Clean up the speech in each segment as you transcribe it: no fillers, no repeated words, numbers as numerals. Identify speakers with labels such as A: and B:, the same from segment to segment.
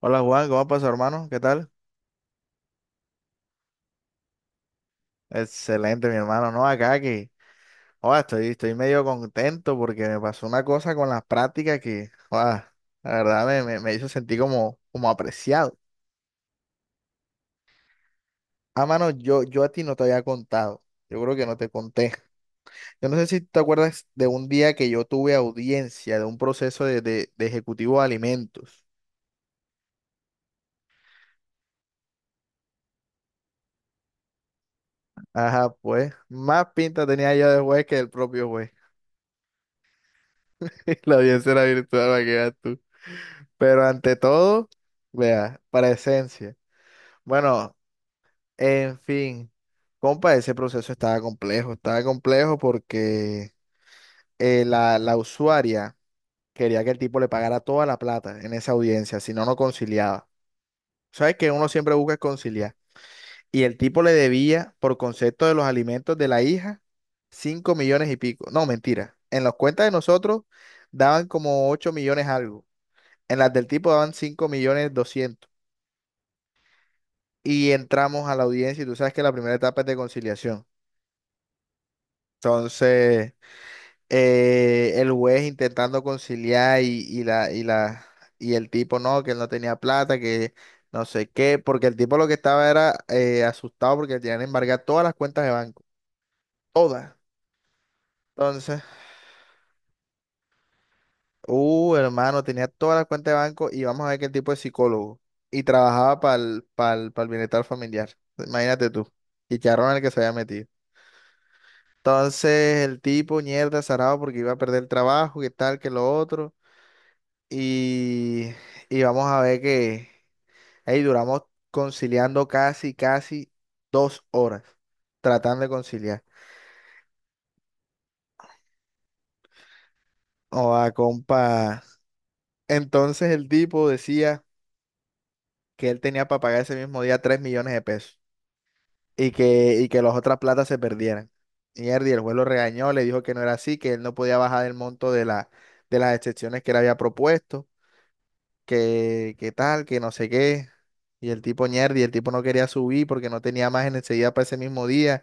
A: Hola Juan, ¿cómo pasó, hermano? ¿Qué tal? Excelente, mi hermano. No, acá que, joda, estoy medio contento porque me pasó una cosa con las prácticas que, joda, la verdad me hizo sentir como apreciado. Ah, mano, yo a ti no te había contado. Yo creo que no te conté. Yo no sé si te acuerdas de un día que yo tuve audiencia de un proceso de ejecutivo de alimentos. Ajá, pues, más pinta tenía yo de juez que el propio juez. La audiencia era virtual, para que veas tú. Pero ante todo, vea, presencia. Bueno, en fin, compa, ese proceso estaba complejo porque la usuaria quería que el tipo le pagara toda la plata en esa audiencia, si no, no conciliaba. ¿Sabes que uno siempre busca conciliar? Y el tipo le debía, por concepto de los alimentos de la hija, 5 millones y pico. No, mentira. En las cuentas de nosotros daban como 8 millones algo. En las del tipo daban 5.200.000. Y entramos a la audiencia y tú sabes que la primera etapa es de conciliación. Entonces, el juez intentando conciliar y el tipo no, que él no tenía plata, que no sé qué, porque el tipo lo que estaba era asustado porque le tenían embargadas todas las cuentas de banco, todas. Entonces, hermano, tenía todas las cuentas de banco, y vamos a ver que el tipo es psicólogo y trabajaba para el bienestar familiar. Imagínate tú, y charrón en el que se había metido. Entonces el tipo, mierda, zarado porque iba a perder el trabajo, que tal, que lo otro. Y, y vamos a ver que ahí duramos conciliando casi, casi 2 horas tratando de conciliar. O a compa. Entonces el tipo decía que él tenía para pagar ese mismo día 3 millones de pesos y que las otras platas se perdieran. Mierda, y el juez lo regañó, le dijo que no era así, que él no podía bajar el monto de de las excepciones que él había propuesto, que tal, que no sé qué. Y el tipo ñerdi, el tipo no quería subir porque no tenía más en enseguida para ese mismo día.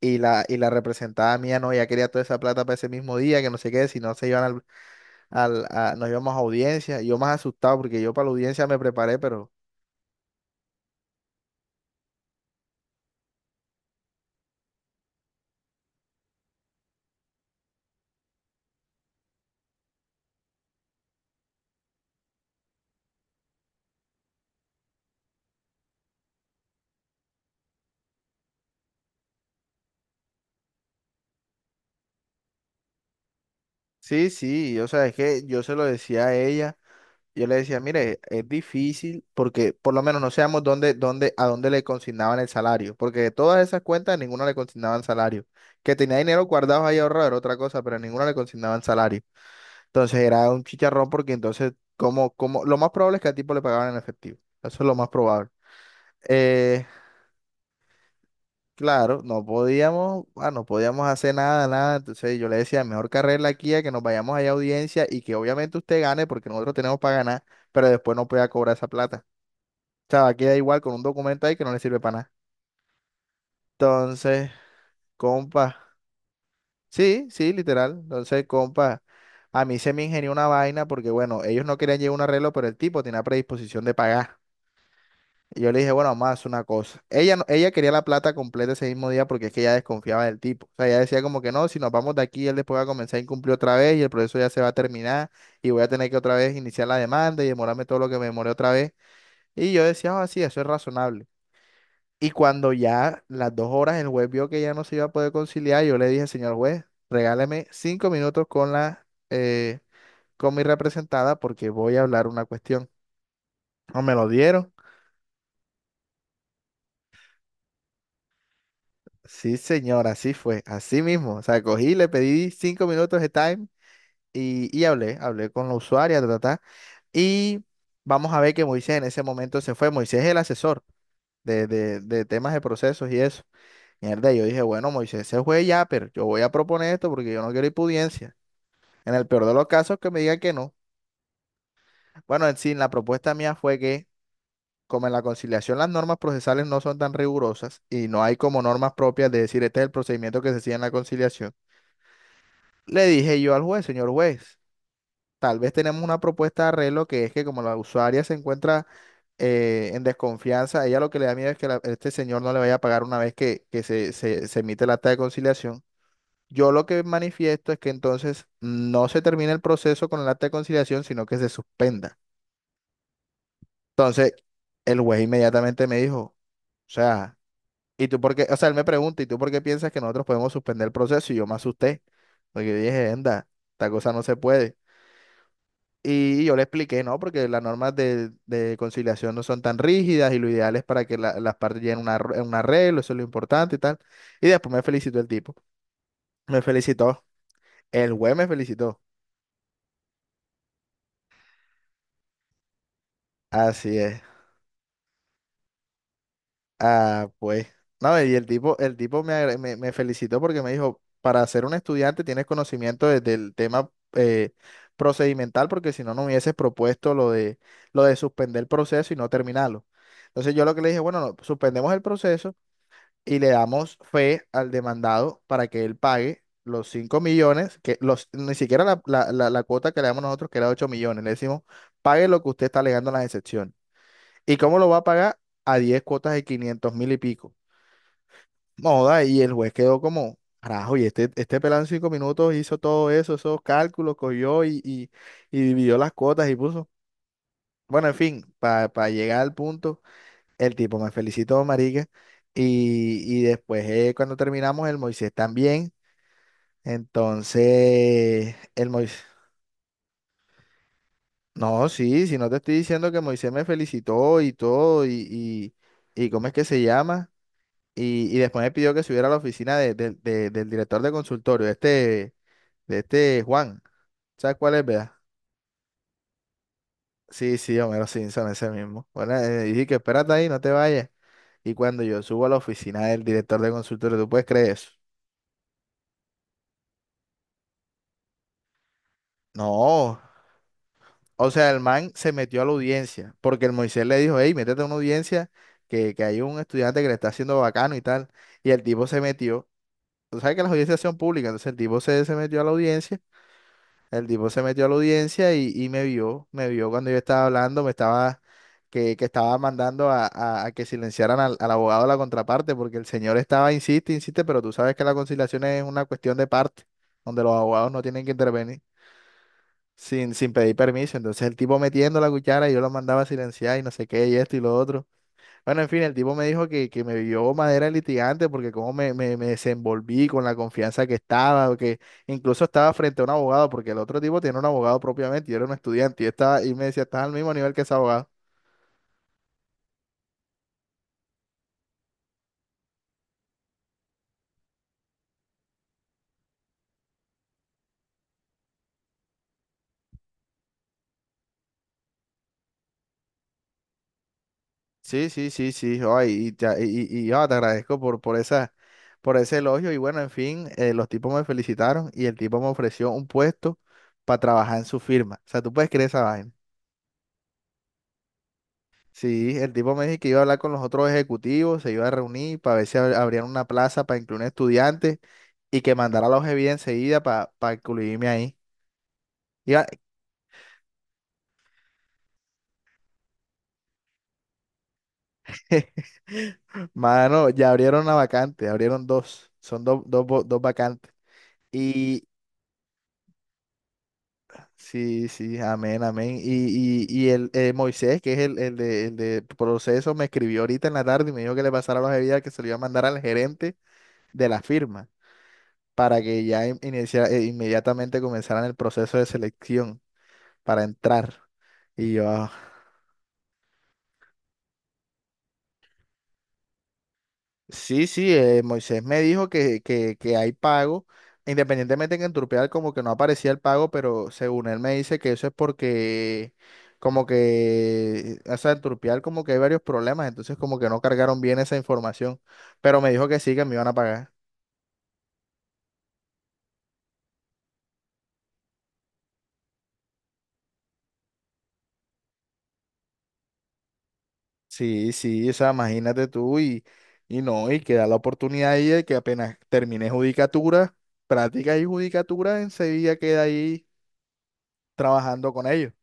A: Y la representada mía no, ya quería toda esa plata para ese mismo día, que no sé qué, si no se iban nos íbamos a audiencia. Y yo más asustado porque yo para la audiencia me preparé, pero sí, sí, yo sabes que yo se lo decía a ella. Yo le decía, mire, es difícil porque por lo menos no sabemos a dónde le consignaban el salario, porque de todas esas cuentas ninguna le consignaban salario. Que tenía dinero guardado ahí ahorrado era otra cosa, pero ninguna le consignaban salario. Entonces era un chicharrón porque entonces, lo más probable es que al tipo le pagaban en efectivo. Eso es lo más probable. Eh, claro, no podíamos, no podíamos hacer nada, nada. Entonces yo le decía, mejor carrera aquí a que nos vayamos allá a audiencia y que obviamente usted gane porque nosotros tenemos para ganar, pero después no pueda cobrar esa plata. Sea, queda igual con un documento ahí que no le sirve para nada. Entonces, compa, sí, sí, literal. Entonces, compa, a mí se me ingenió una vaina porque, bueno, ellos no querían llevar un arreglo, pero el tipo tenía predisposición de pagar. Y yo le dije, bueno, más una cosa. Ella, ella quería la plata completa ese mismo día porque es que ella desconfiaba del tipo. O sea, ella decía como que no, si nos vamos de aquí, él después va a comenzar a incumplir otra vez y el proceso ya se va a terminar, y voy a tener que otra vez iniciar la demanda y demorarme todo lo que me demoré otra vez. Y yo decía, sí, eso es razonable. Y cuando ya las 2 horas el juez vio que ya no se iba a poder conciliar, yo le dije, señor juez, regáleme 5 minutos con mi representada porque voy a hablar una cuestión. ¿No me lo dieron? Sí, señor, así fue, así mismo. O sea, cogí, le pedí 5 minutos de time y hablé con la usuaria, ta, ta, ta. Y vamos a ver que Moisés en ese momento se fue. Moisés es el asesor de temas de procesos y eso. Mierda, yo dije, bueno, Moisés se fue ya, pero yo voy a proponer esto porque yo no quiero impudiencia. En el peor de los casos, que me diga que no. Bueno, en sí, la propuesta mía fue que, como en la conciliación las normas procesales no son tan rigurosas y no hay como normas propias de decir este es el procedimiento que se sigue en la conciliación, le dije yo al juez, señor juez, tal vez tenemos una propuesta de arreglo que es que como la usuaria se encuentra en desconfianza, a ella lo que le da miedo es que este señor no le vaya a pagar una vez que se emite el acta de conciliación. Yo lo que manifiesto es que entonces no se termine el proceso con el acta de conciliación, sino que se suspenda. Entonces, el juez inmediatamente me dijo, o sea, ¿y tú por qué? O sea, él me pregunta, ¿y tú por qué piensas que nosotros podemos suspender el proceso? Y yo me asusté, porque yo dije, anda, esta cosa no se puede. Y yo le expliqué, no, porque las normas de conciliación no son tan rígidas, y lo ideal es para que las partes lleguen a un a un arreglo, eso es lo importante y tal. Y después me felicitó el tipo, me felicitó, el juez me felicitó. Así es. Ah, pues. No, y el tipo, me felicitó porque me dijo, para ser un estudiante tienes conocimiento de- del tema, eh, procedimental, porque si no, no hubieses propuesto lo de suspender el proceso y no terminarlo. Entonces yo lo que le dije, bueno, no, suspendemos el proceso y le damos fe al demandado para que él pague los 5 millones, que los, ni siquiera la cuota que le damos nosotros, que era 8 millones. Le decimos, pague lo que usted está alegando en las excepciones. ¿Y cómo lo va a pagar? A 10 cuotas de 500.000 y pico. Moda, y el juez quedó como, carajo, y este pelado en 5 minutos hizo todo eso, esos cálculos, cogió y dividió las cuotas y puso. Bueno, en fin, para llegar al punto, el tipo me felicitó, marica, y después, cuando terminamos, el Moisés también. Entonces, el Moisés, no, sí, si no te estoy diciendo que Moisés me felicitó y todo, y ¿cómo es que se llama? Y después me pidió que subiera a la oficina del director de consultorio, de este Juan. ¿Sabes cuál es, vea? Sí, sí, Homero Simpson, ese mismo. Bueno, dije que espérate ahí, no te vayas. Y cuando yo subo a la oficina del director de consultorio, ¿tú puedes creer eso? No. O sea, el man se metió a la audiencia, porque el Moisés le dijo, hey, métete a una audiencia, que hay un estudiante que le está haciendo bacano y tal. Y el tipo se metió. Tú sabes que las audiencias son públicas, entonces el tipo se metió a la audiencia. El tipo se metió a la audiencia y me vio cuando yo estaba hablando, que estaba mandando a que silenciaran al abogado de la contraparte, porque el señor estaba, insiste, insiste, pero tú sabes que la conciliación es una cuestión de parte, donde los abogados no tienen que intervenir sin pedir permiso. Entonces el tipo metiendo la cuchara y yo lo mandaba a silenciar y no sé qué, y esto y lo otro. Bueno, en fin, el tipo me dijo que me vio madera de litigante porque cómo me desenvolví con la confianza que estaba, que incluso estaba frente a un abogado, porque el otro tipo tiene un abogado propiamente, yo era un estudiante y, yo estaba, y me decía, estás al mismo nivel que ese abogado. Sí, sí, sí, sí, ay, te agradezco por esa, por ese elogio y bueno, en fin, los tipos me felicitaron y el tipo me ofreció un puesto para trabajar en su firma. O sea, tú puedes creer esa vaina. Sí, el tipo me dijo que iba a hablar con los otros ejecutivos, se iba a reunir para ver si abrían una plaza para incluir estudiantes y que mandara la OGB enseguida para incluirme ahí. Iba- Mano, ya abrieron una vacante, abrieron dos, son dos, dos vacantes. Y sí, sí, amén, amén. Y el Moisés, que es el de proceso, me escribió ahorita en la tarde y me dijo que le pasara los OGB, que se lo iba a mandar al gerente de la firma, para que ya inmediatamente comenzaran el proceso de selección para entrar. Y yo, sí, sí, Moisés me dijo que hay pago, independientemente que en Turpial como que no aparecía el pago, pero según él me dice que eso es porque como que, o sea, en Turpial como que hay varios problemas, entonces como que no cargaron bien esa información, pero me dijo que sí, que me iban a pagar. Sí, sí, o sea, imagínate tú y no, y que da la oportunidad ahí de que apenas termine judicatura, práctica y judicatura, enseguida queda ahí trabajando con ellos.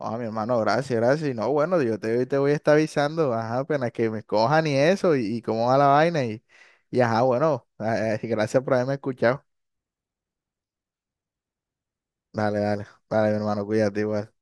A: Ah, mi hermano, gracias, gracias. Y no, bueno, yo te voy a estar avisando, ajá, apenas que me cojan y eso, y cómo va la vaina, y ajá, bueno, gracias por haberme escuchado. Dale, dale, dale, mi hermano, cuídate igual.